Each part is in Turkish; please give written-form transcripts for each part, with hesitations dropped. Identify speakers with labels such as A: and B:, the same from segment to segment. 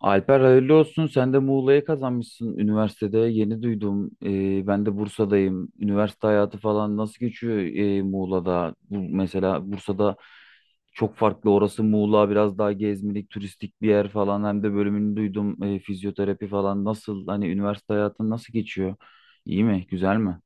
A: Alper hayırlı olsun. Sen de Muğla'yı kazanmışsın üniversitede. Yeni duydum. Ben de Bursa'dayım. Üniversite hayatı falan nasıl geçiyor Muğla'da? Bu, mesela Bursa'da çok farklı. Orası Muğla biraz daha gezmelik, turistik bir yer falan. Hem de bölümünü duydum. Fizyoterapi falan. Nasıl? Hani üniversite hayatın nasıl geçiyor? İyi mi? Güzel mi?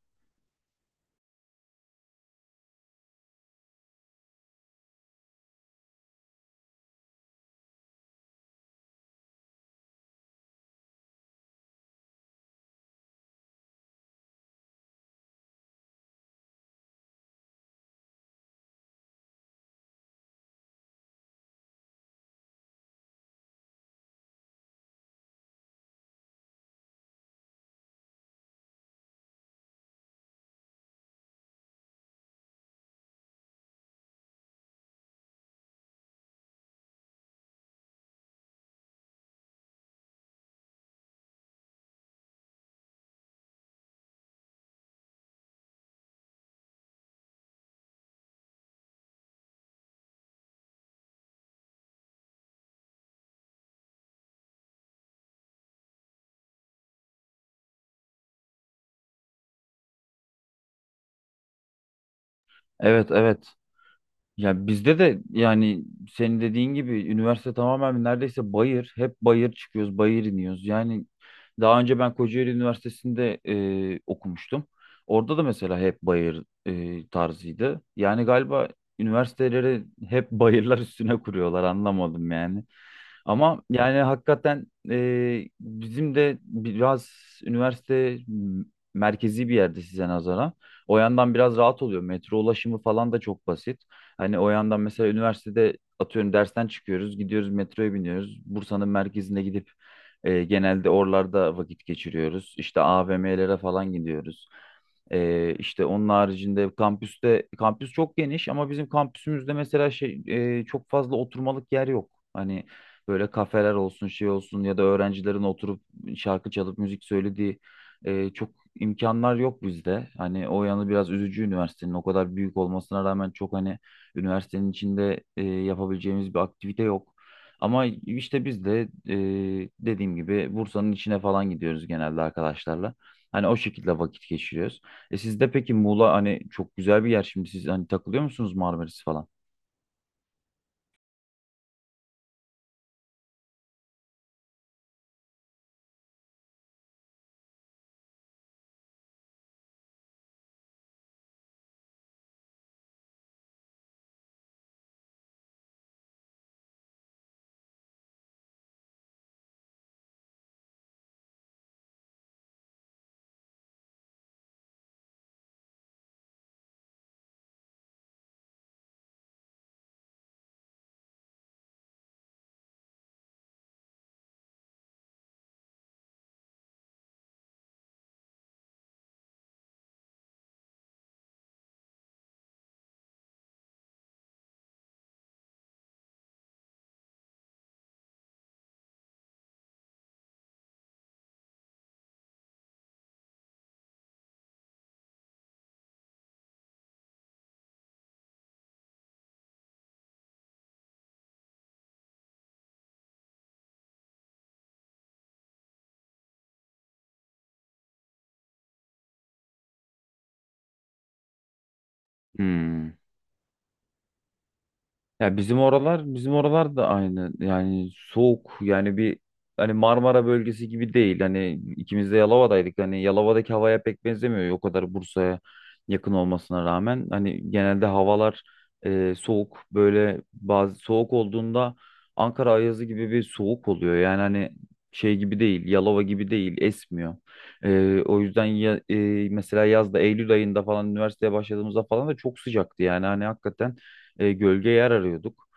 A: Evet, evet. Ya bizde de yani senin dediğin gibi üniversite tamamen neredeyse bayır. Hep bayır çıkıyoruz, bayır iniyoruz. Yani daha önce ben Kocaeli Üniversitesi'nde okumuştum. Orada da mesela hep bayır tarzıydı. Yani galiba üniversiteleri hep bayırlar üstüne kuruyorlar, anlamadım yani. Ama yani hakikaten bizim de biraz üniversite m- merkezi bir yerde size nazaran. O yandan biraz rahat oluyor. Metro ulaşımı falan da çok basit. Hani o yandan mesela üniversitede atıyorum dersten çıkıyoruz, gidiyoruz metroya biniyoruz. Bursa'nın merkezine gidip genelde oralarda vakit geçiriyoruz. İşte AVM'lere falan gidiyoruz. İşte onun haricinde kampüste, kampüs çok geniş ama bizim kampüsümüzde mesela şey çok fazla oturmalık yer yok. Hani böyle kafeler olsun, şey olsun ya da öğrencilerin oturup şarkı çalıp müzik söylediği çok imkanlar yok bizde. Hani o yanı biraz üzücü, üniversitenin o kadar büyük olmasına rağmen çok hani üniversitenin içinde yapabileceğimiz bir aktivite yok. Ama işte biz de e, dediğim gibi Bursa'nın içine falan gidiyoruz genelde arkadaşlarla. Hani o şekilde vakit geçiriyoruz. E sizde peki Muğla hani çok güzel bir yer, şimdi siz hani takılıyor musunuz Marmaris falan? Hmm. Ya bizim oralar da aynı yani soğuk, yani bir hani Marmara bölgesi gibi değil, hani ikimiz de Yalova'daydık, hani Yalova'daki havaya pek benzemiyor o kadar Bursa'ya yakın olmasına rağmen. Hani genelde havalar soğuk, böyle bazı soğuk olduğunda Ankara ayazı gibi bir soğuk oluyor yani. Hani şey gibi değil, Yalova gibi değil, esmiyor. O yüzden ya, mesela yazda Eylül ayında falan üniversiteye başladığımızda falan da çok sıcaktı, yani hani hakikaten gölge yer arıyorduk.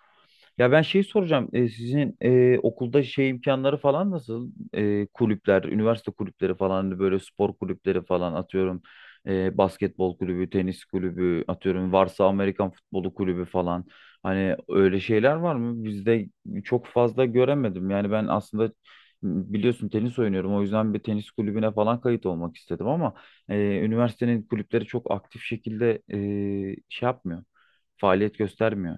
A: Ya ben şey soracağım. Sizin okulda şey imkanları falan nasıl? E, kulüpler, üniversite kulüpleri falan, hani böyle spor kulüpleri falan atıyorum. Basketbol kulübü, tenis kulübü atıyorum. Varsa Amerikan futbolu kulübü falan. Hani öyle şeyler var mı? Bizde çok fazla göremedim. Yani ben aslında biliyorsun tenis oynuyorum. O yüzden bir tenis kulübüne falan kayıt olmak istedim ama üniversitenin kulüpleri çok aktif şekilde şey yapmıyor. Faaliyet göstermiyor.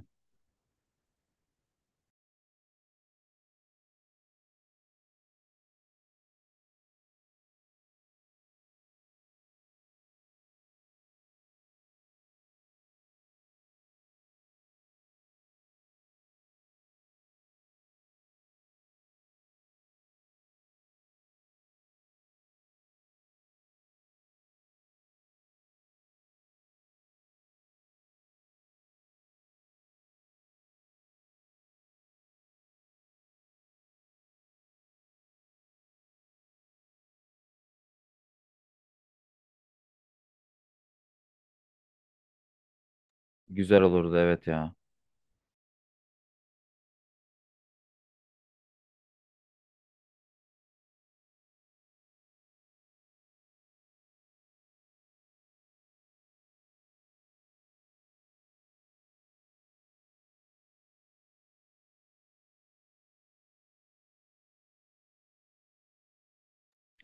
A: Güzel olurdu, evet ya.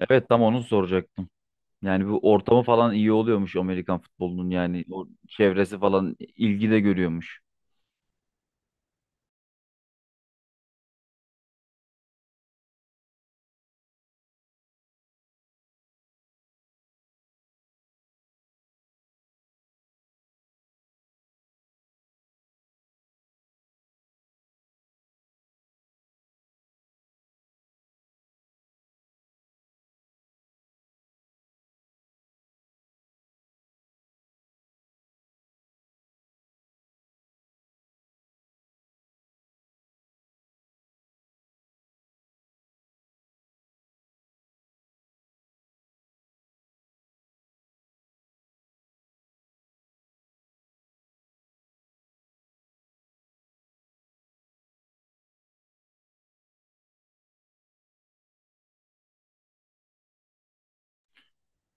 A: Evet, tam onu soracaktım. Yani bu ortamı falan iyi oluyormuş Amerikan futbolunun, yani o çevresi falan ilgi de görüyormuş.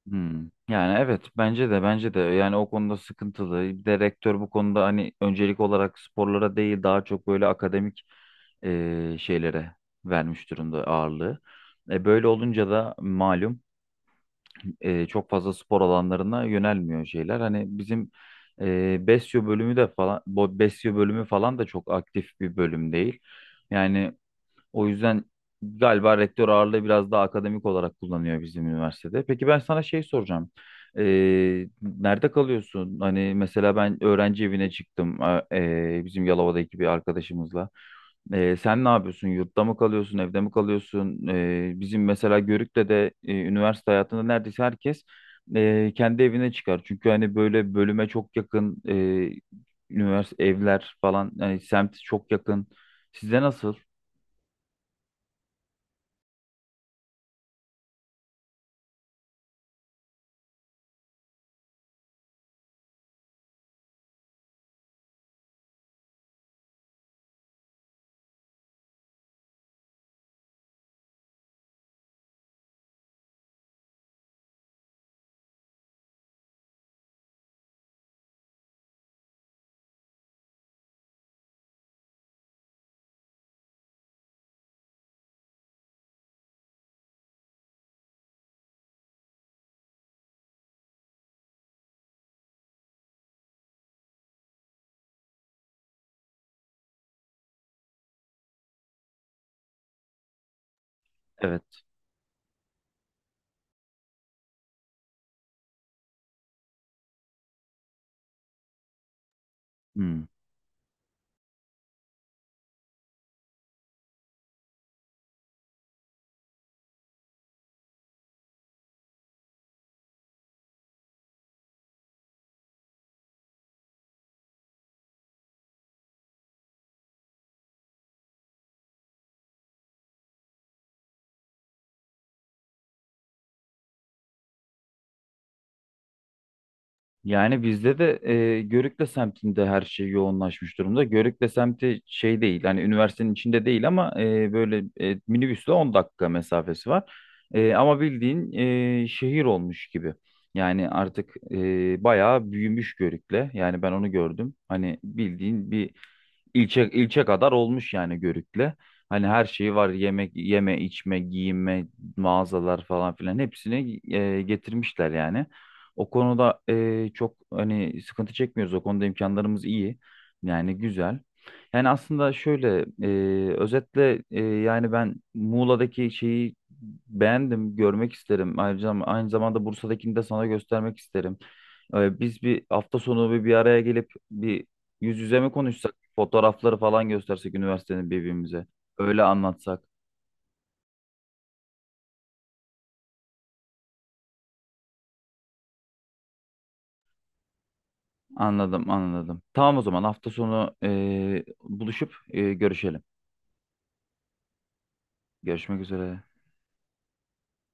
A: Hmm. Yani evet, bence de yani o konuda sıkıntılı. Bir de rektör bu konuda hani öncelik olarak sporlara değil daha çok böyle akademik şeylere vermiş durumda ağırlığı. E, böyle olunca da malum çok fazla spor alanlarına yönelmiyor şeyler. Hani bizim Besyo bölümü de falan, Besyo bölümü falan da çok aktif bir bölüm değil. Yani o yüzden galiba rektör ağırlığı biraz daha akademik olarak kullanıyor bizim üniversitede. Peki ben sana şey soracağım. Nerede kalıyorsun? Hani mesela ben öğrenci evine çıktım, bizim Yalova'daki bir arkadaşımızla. Sen ne yapıyorsun? Yurtta mı kalıyorsun? Evde mi kalıyorsun? Bizim mesela Görük'te de üniversite hayatında neredeyse herkes kendi evine çıkar. Çünkü hani böyle bölüme çok yakın üniversite evler, falan yani semt çok yakın. Sizde nasıl? Evet. Hmm. Yani bizde de Görükle semtinde her şey yoğunlaşmış durumda. Görükle semti şey değil, hani üniversitenin içinde değil ama böyle minibüsle 10 dakika mesafesi var. Ama bildiğin şehir olmuş gibi. Yani artık bayağı büyümüş Görükle. Yani ben onu gördüm. Hani bildiğin bir İlçe, ilçe kadar olmuş yani Görük'le. Hani her şeyi var: yemek, yeme, içme, giyinme, mağazalar falan filan, hepsini getirmişler yani. O konuda çok hani sıkıntı çekmiyoruz. O konuda imkanlarımız iyi. Yani güzel. Yani aslında şöyle özetle yani ben Muğla'daki şeyi beğendim, görmek isterim. Ayrıca aynı zamanda Bursa'dakini de sana göstermek isterim. E, biz bir hafta sonu bir araya gelip bir yüz yüze mi konuşsak? Fotoğrafları falan göstersek üniversitenin birbirimize. Öyle anlatsak. Anladım, anladım. Tamam, o zaman hafta sonu buluşup görüşelim. Görüşmek üzere.